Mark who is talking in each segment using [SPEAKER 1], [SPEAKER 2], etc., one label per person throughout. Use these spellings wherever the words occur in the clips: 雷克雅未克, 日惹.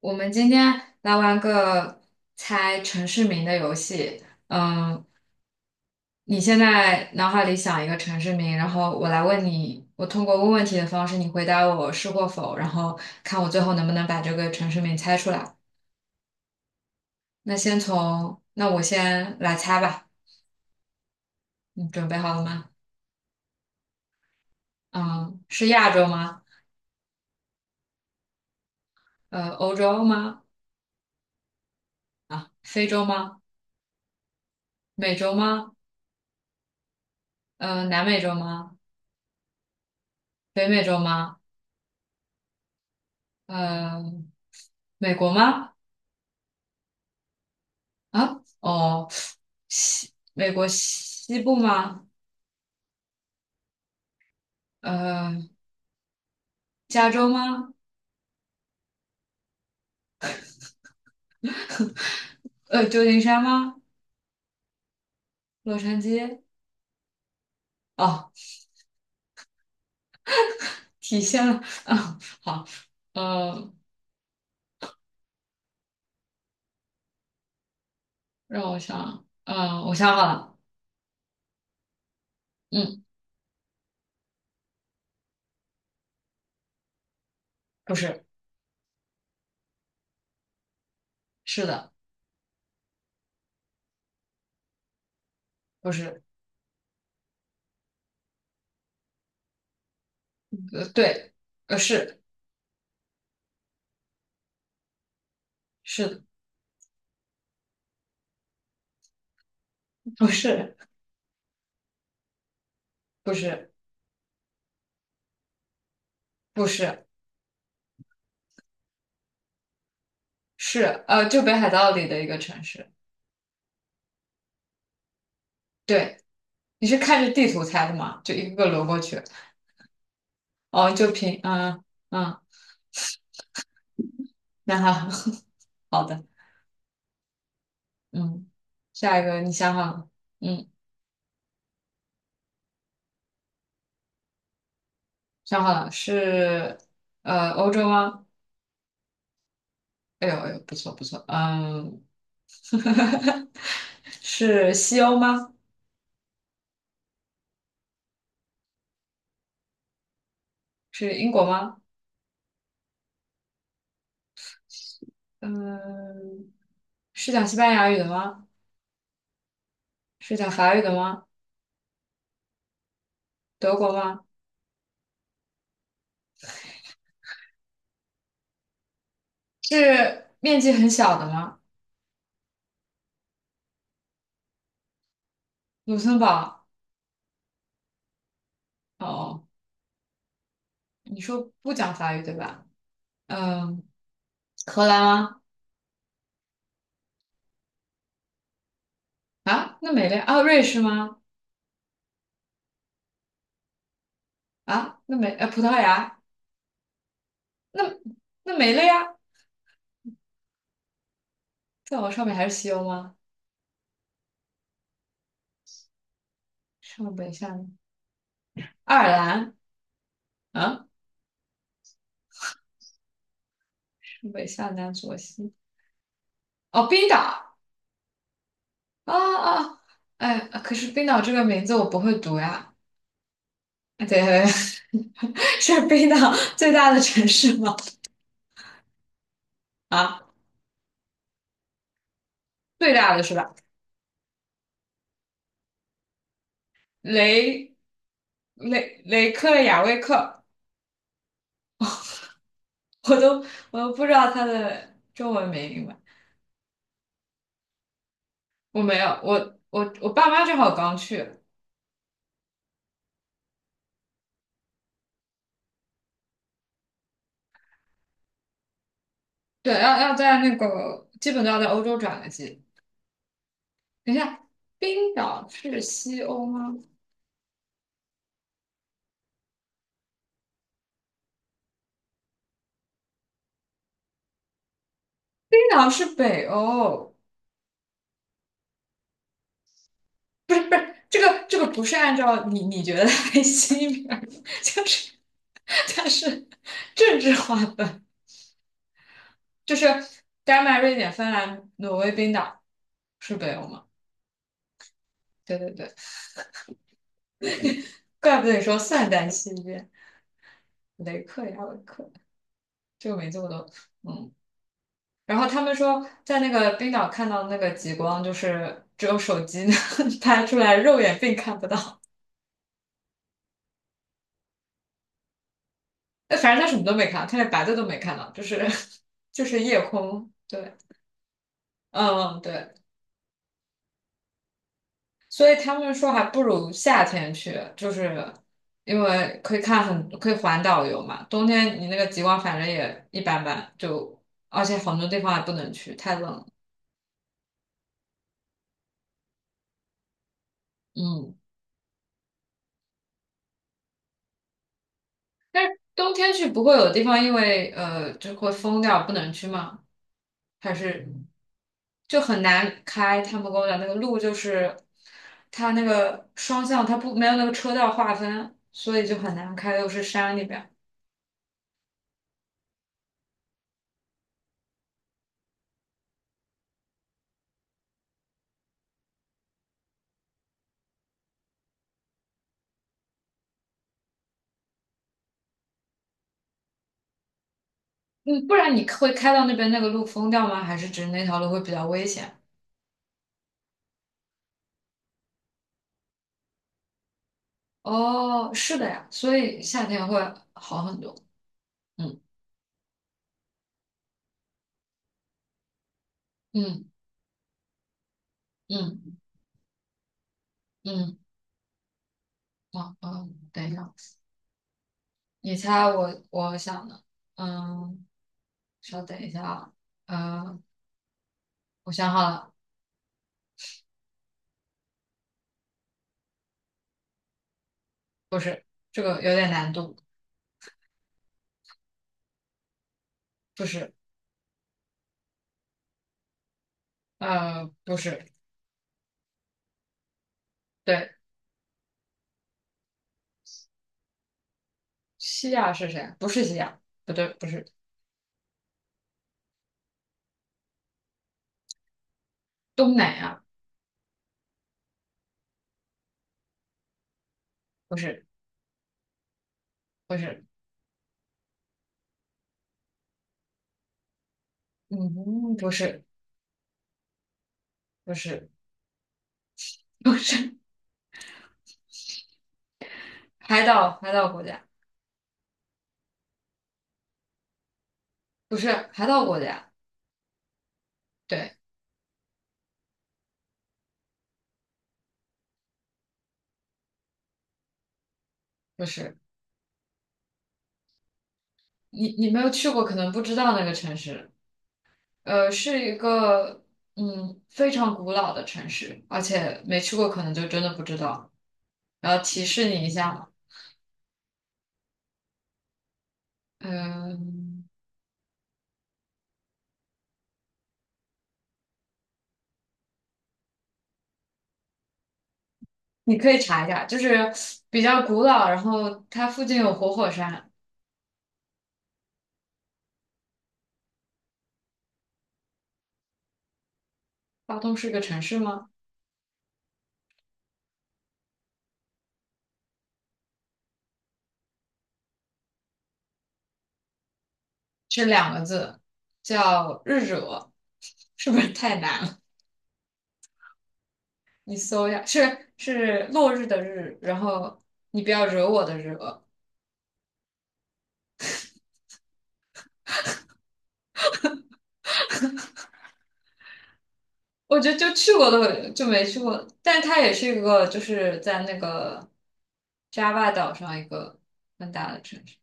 [SPEAKER 1] 我们今天来玩个猜城市名的游戏。嗯，你现在脑海里想一个城市名，然后我来问你，我通过问问题的方式，你回答我是或否，然后看我最后能不能把这个城市名猜出来。那我先来猜吧。你准备好了吗？嗯，是亚洲吗？欧洲吗？非洲吗？美洲吗？南美洲吗？北美洲吗？呃，美国吗？啊，哦，美国西部吗？呃，加州吗？旧金山吗？洛杉矶？哦，体现了，啊，好，呃，让我想，我想好了，嗯，不是，是的，不是，对，是，是的，不是，不是，不是，是，就北海道里的一个城市，对，你是看着地图猜的吗？就一个个轮过去，哦，就凭，嗯。那好，好的，嗯，下一个你想好了？嗯，想好了，是欧洲吗？哎呦哎呦，不错不错，嗯，是西欧吗？是英国吗？嗯，是讲西班牙语的吗？是讲法语的吗？德国吗？是面积很小的吗？卢森堡？哦，你说不讲法语对吧？嗯，荷兰吗？啊，那没了啊，瑞士吗？啊，那没呃，葡萄牙。那那没了呀，再往上面还是西欧吗？上北下南，爱尔兰啊，上北下南左西哦，冰岛啊啊，哎，可是冰岛这个名字我不会读呀，哎对，对对 是冰岛最大的城市吗？啊，最大的是吧？雷雷雷克雅未克，我都我都不知道它的中文名吧，我没有，我我爸妈正好刚去，对，要在那个基本都要在欧洲转个机。等一下，冰岛是西欧吗？冰岛是北欧，这个不是按照你觉得为西边，就是它是政治划分，就是丹麦、瑞典、芬兰、挪威、冰岛是北欧吗？对对对，怪不得你说散在西边，雷克雅未克这个名字我都嗯。然后他们说，在那个冰岛看到那个极光，就是只有手机能 拍出来，肉眼并看不到。哎，反正他什么都没看，他连白的都没看到，就是 就是夜空。对，嗯，对，所以他们说还不如夏天去，就是因为可以看很可以环岛游嘛。冬天你那个极光反正也一般般，就而且很多地方也不能去，太冷了。嗯。冬天去不会有地方因为就会封掉不能去吗？还是就很难开？他们跟我讲那个路就是它那个双向它不没有那个车道划分，所以就很难开，又是山里边。嗯，不然你会开到那边那个路封掉吗？还是只是那条路会比较危险？哦，是的呀，所以夏天会好很多。嗯嗯嗯嗯，哦哦，等一下，你猜我想的，嗯。稍等一下啊，呃，我想好了，不是，这个有点难度，不是，不是，对，西亚是谁啊？不是西亚，不对，不是东南亚，不是，不是，嗯，不是，不是，不是，海岛海岛国家，不是海岛国家，对，不是，你没有去过，可能不知道那个城市，是一个非常古老的城市，而且没去过，可能就真的不知道。然后提示你一下嗯，你可以查一下，就是比较古老，然后它附近有活火山。巴东是个城市吗？是两个字，叫日惹，是不是太难了？你搜一下，是落日的日，然后你不要惹我的惹。我觉得就去过的就没去过，但它也是一个就是在那个 Java 岛上一个很大的城市。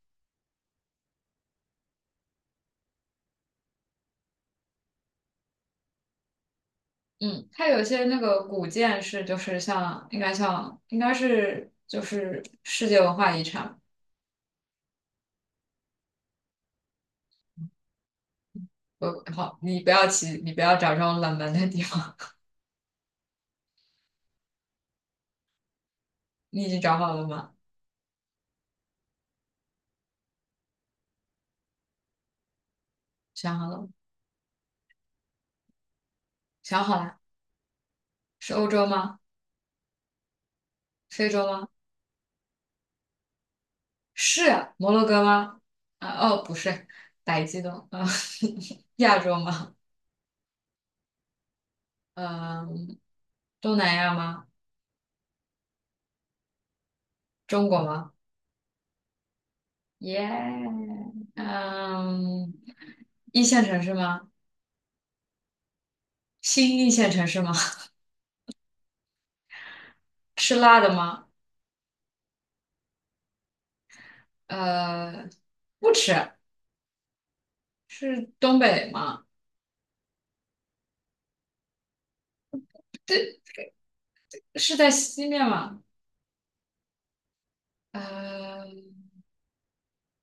[SPEAKER 1] 嗯，它有些那个古建是就是像应该是就是世界文化遗产。好，你不要起，你不要找这种冷门的地方。你已经找好了吗？想好了，想好了，是欧洲吗？非洲吗？是啊摩洛哥吗？不是，打激动啊，亚洲吗？嗯、东南亚吗？中国吗？耶、嗯，一线城市吗？新一线城市吗？吃辣的吗？呃，不吃，是东北吗？对，是在西面吗？呃，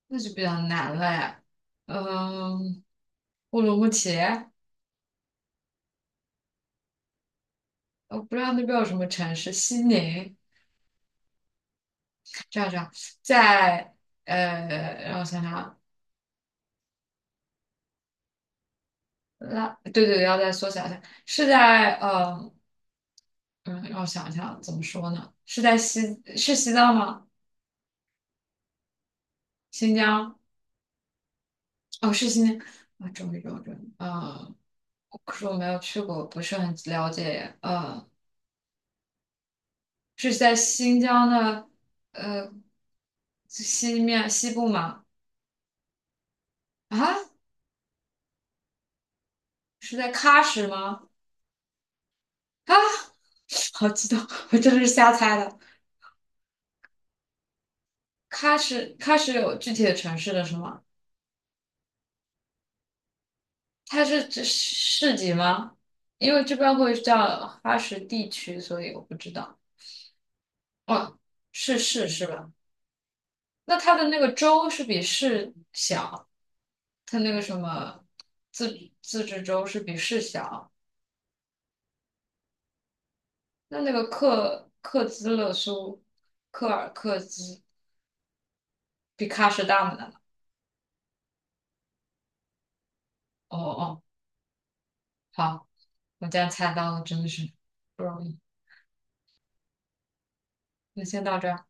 [SPEAKER 1] 那就比较难了呀。嗯、乌鲁木齐，我不知道那边有什么城市，西宁，这样这样，在呃，让我想想啊，拉，对对对，要再缩小一下，是在嗯，让我想一想怎么说呢？是在西，是西藏吗？新疆？哦，是新疆啊，终于可是我没有去过，不是很了解耶是在新疆的呃西部吗？啊，是在喀什吗？啊，好激动，我这是瞎猜的。喀什，喀什有具体的城市的是吗？它是指市级吗？因为这边会叫喀什地区，所以我不知道。哦，是市是吧？那它的那个州是比市小，它那个什么自治州是比市小。那那个克克孜勒苏，克尔克孜比喀什大吗？哦哦，好，我竟然猜到了，真的是不容易。那先到这儿。